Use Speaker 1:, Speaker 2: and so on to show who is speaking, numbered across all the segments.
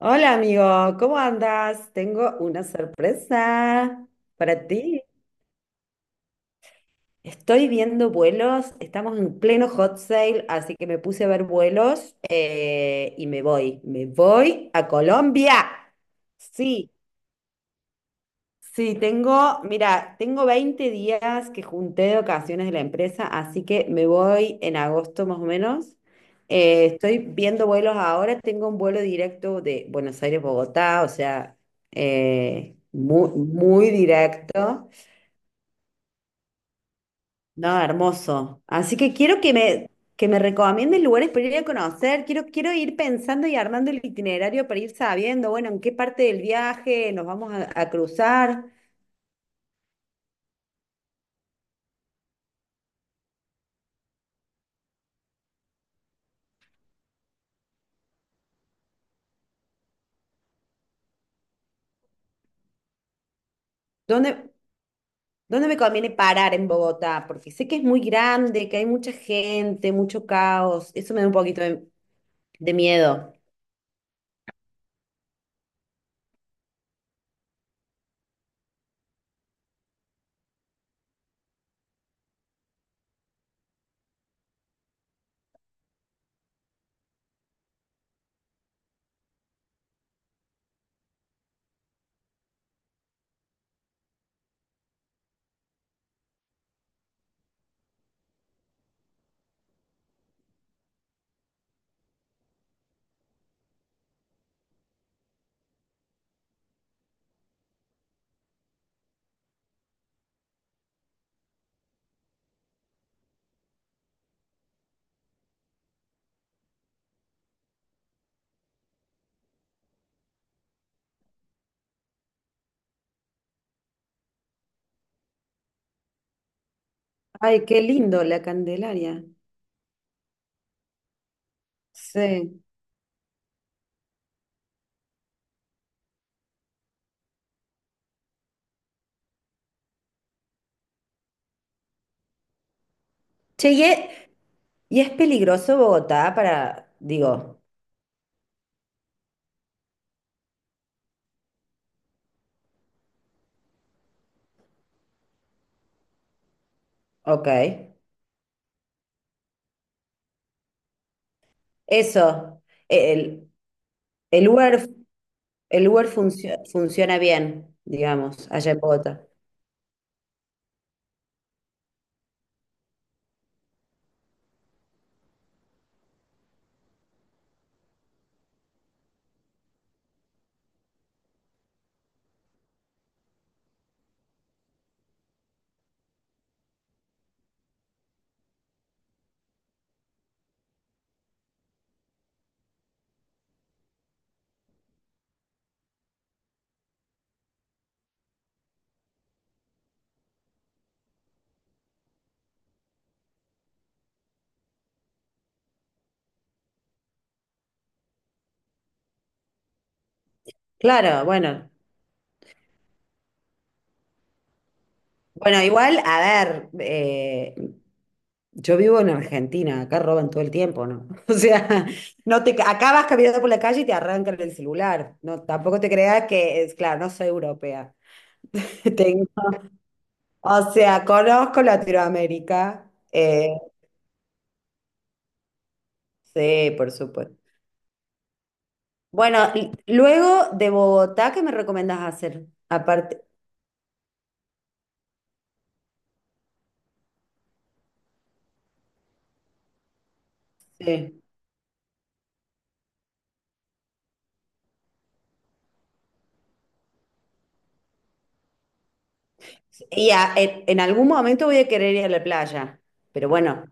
Speaker 1: Hola amigo, ¿cómo andas? Tengo una sorpresa para ti. Estoy viendo vuelos, estamos en pleno hot sale, así que me puse a ver vuelos y me voy a Colombia. Sí, Sí, tengo, mira, tengo 20 días que junté de ocasiones de la empresa, así que me voy en agosto más o menos. Estoy viendo vuelos ahora, tengo un vuelo directo de Buenos Aires-Bogotá, o sea, muy, muy directo. No, hermoso. Así que que me recomiendes lugares para ir a conocer. Quiero ir pensando y armando el itinerario para ir sabiendo, bueno, en qué parte del viaje a cruzar. ¿Dónde? ¿Dónde me conviene parar en Bogotá? Porque sé que es muy grande, que hay mucha gente, mucho caos. Eso me da un poquito de miedo. Ay, qué lindo la Candelaria. Sí. Che, ¿y es peligroso Bogotá para, digo, ok, eso, e, el, el Uber, el Uber funciona bien, digamos, allá en Bogotá. Claro, bueno, bueno, igual, a ver, yo vivo en Argentina, acá roban todo el tiempo, ¿no? O sea, no te, acá vas caminando por la calle y te arrancan el celular. No, tampoco te creas que es, claro, no soy europea. Tengo- o sea, conozco Latinoamérica. Sí, por supuesto. Bueno, y luego de Bogotá, ¿qué me recomendás hacer? Aparte, sí. En algún momento voy a querer ir a la playa. Pero bueno,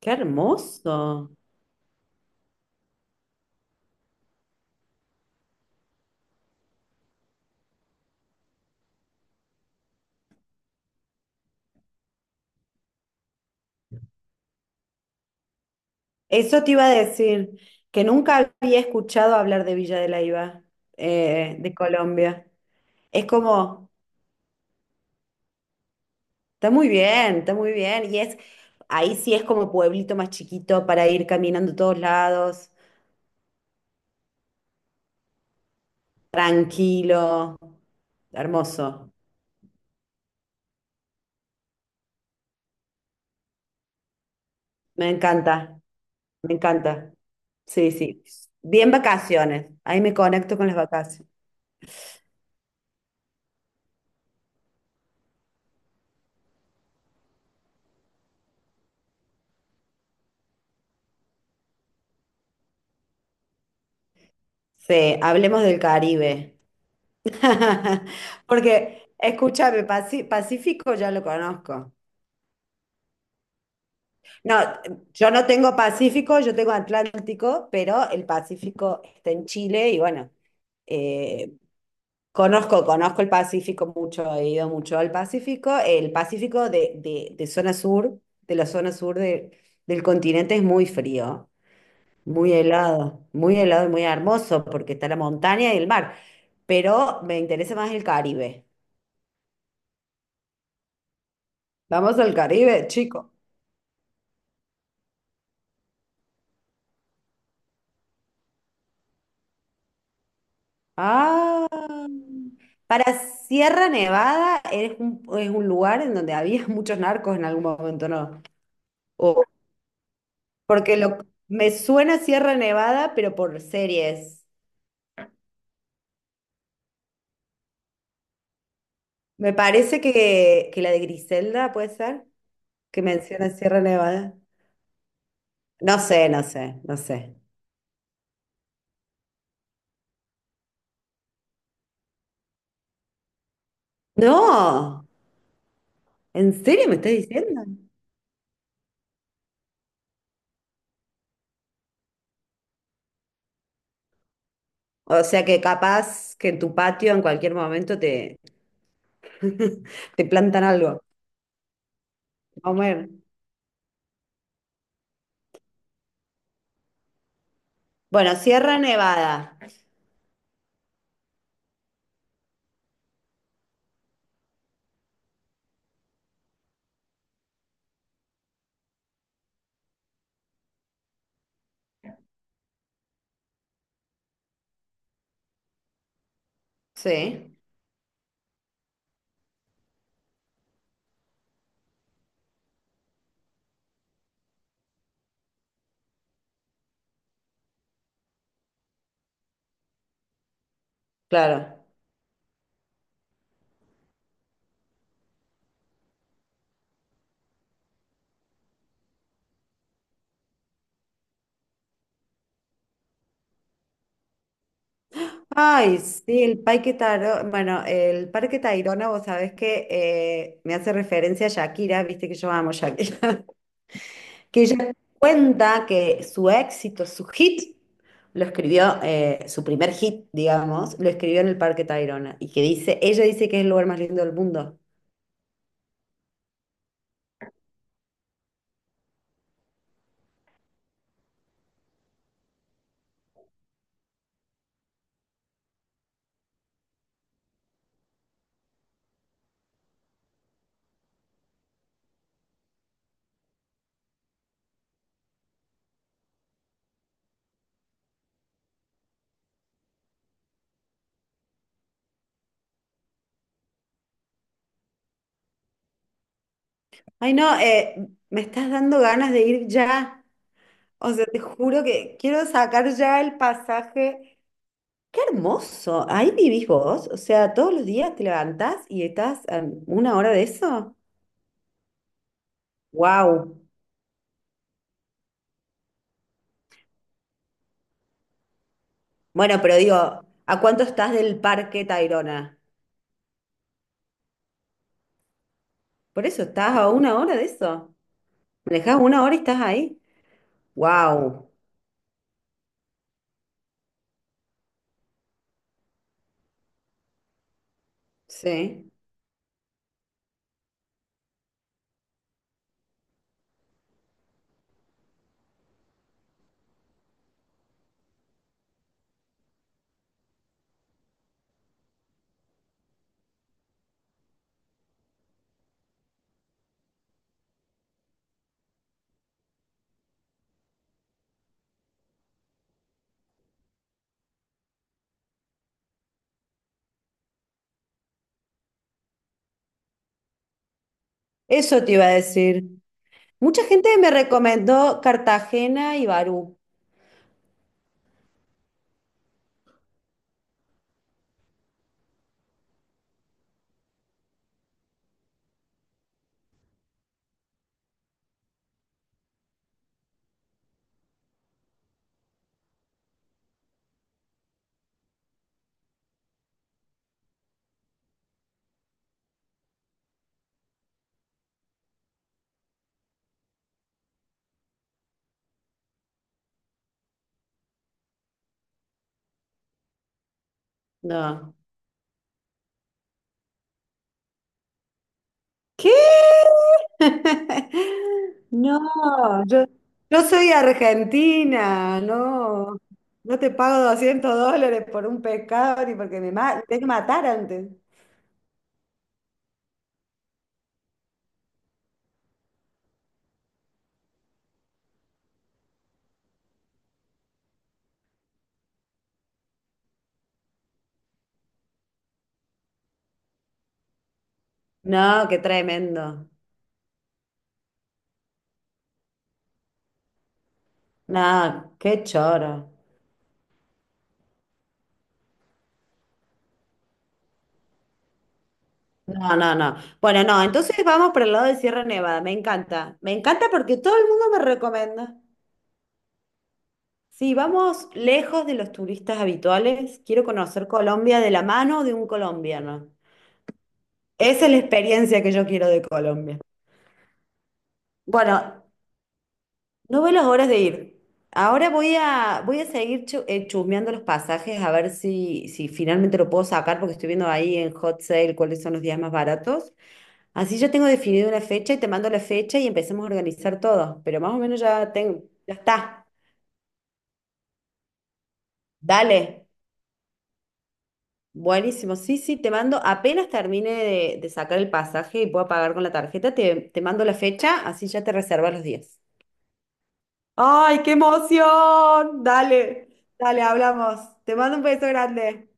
Speaker 1: qué hermoso. Eso te iba a decir, que nunca había escuchado hablar de Villa de Leyva, de Colombia. Es como, está muy bien, está muy bien. Y es, ahí sí es como pueblito más chiquito para ir caminando a todos lados, tranquilo, hermoso. Me encanta, me encanta. Sí, sí. Bien vacaciones. Ahí me conecto con las vacaciones. Sí, hablemos del Caribe. Porque, escúchame, Pacífico ya lo conozco. No, yo no tengo Pacífico, yo tengo Atlántico, pero el Pacífico está en Chile y bueno, eh, conozco, conozco el Pacífico mucho, he ido mucho al Pacífico. El Pacífico de zona sur, de la zona sur de- del continente es muy frío. Muy helado y muy hermoso porque está la montaña y el mar. Pero me interesa más el Caribe. Vamos al Caribe, chico. Ah, para Sierra Nevada es un lugar en donde había muchos narcos en algún momento, ¿no? O- porque lo, me suena Sierra Nevada, pero por series. Me parece que la de Griselda puede ser, que menciona Sierra Nevada. No sé, no sé, no sé. No. ¿En serio me estás diciendo? O sea que capaz que en tu patio en cualquier momento te, te plantan algo. A ver, bueno, Sierra Nevada. Sí, claro. Ay, sí, el Parque Tayrona, bueno, el Parque Tayrona, vos sabés que me hace referencia a Shakira, viste que yo amo a Shakira, que ella cuenta que su éxito, su hit, su primer hit, digamos, lo escribió en el Parque Tayrona, y que dice, ella dice que es el lugar más lindo del mundo. Ay, no, me estás dando ganas de ir ya. O sea, te juro que quiero sacar ya el pasaje. Qué hermoso. Ahí vivís vos. O sea, todos los días te levantás y estás a una hora de eso. Wow. Bueno, pero digo, ¿a cuánto estás del Parque Tayrona? Por eso, estás a una hora de eso. Manejás una hora y estás ahí. Wow. Sí. Eso te iba a decir. Mucha gente me recomendó Cartagena y Barú. No. ¿Qué? No, yo, yo soy argentina, no, no te pago $200 por un pescado ni porque me tenés que matar antes. No, qué tremendo. No, qué choro. No, no, no. Bueno, no, entonces vamos por el lado de Sierra Nevada, me encanta. Me encanta porque todo el mundo me recomienda. Sí, vamos lejos de los turistas habituales. Quiero conocer Colombia de la mano de un colombiano. Esa es la experiencia que yo quiero de Colombia. Bueno, no veo las horas de ir. Ahora voy a seguir chusmeando los pasajes a ver si, si finalmente lo puedo sacar porque estoy viendo ahí en Hot Sale cuáles son los días más baratos. Así yo tengo definido una fecha y te mando la fecha y empecemos a organizar todo. Pero más o menos ya tengo, ya está. Dale. Buenísimo. Sí, sí, te mando, apenas termine de sacar el pasaje y pueda pagar con la tarjeta, te mando la fecha, así ya te reservas los días. ¡Ay, qué emoción! Dale, dale, hablamos. Te mando un beso grande.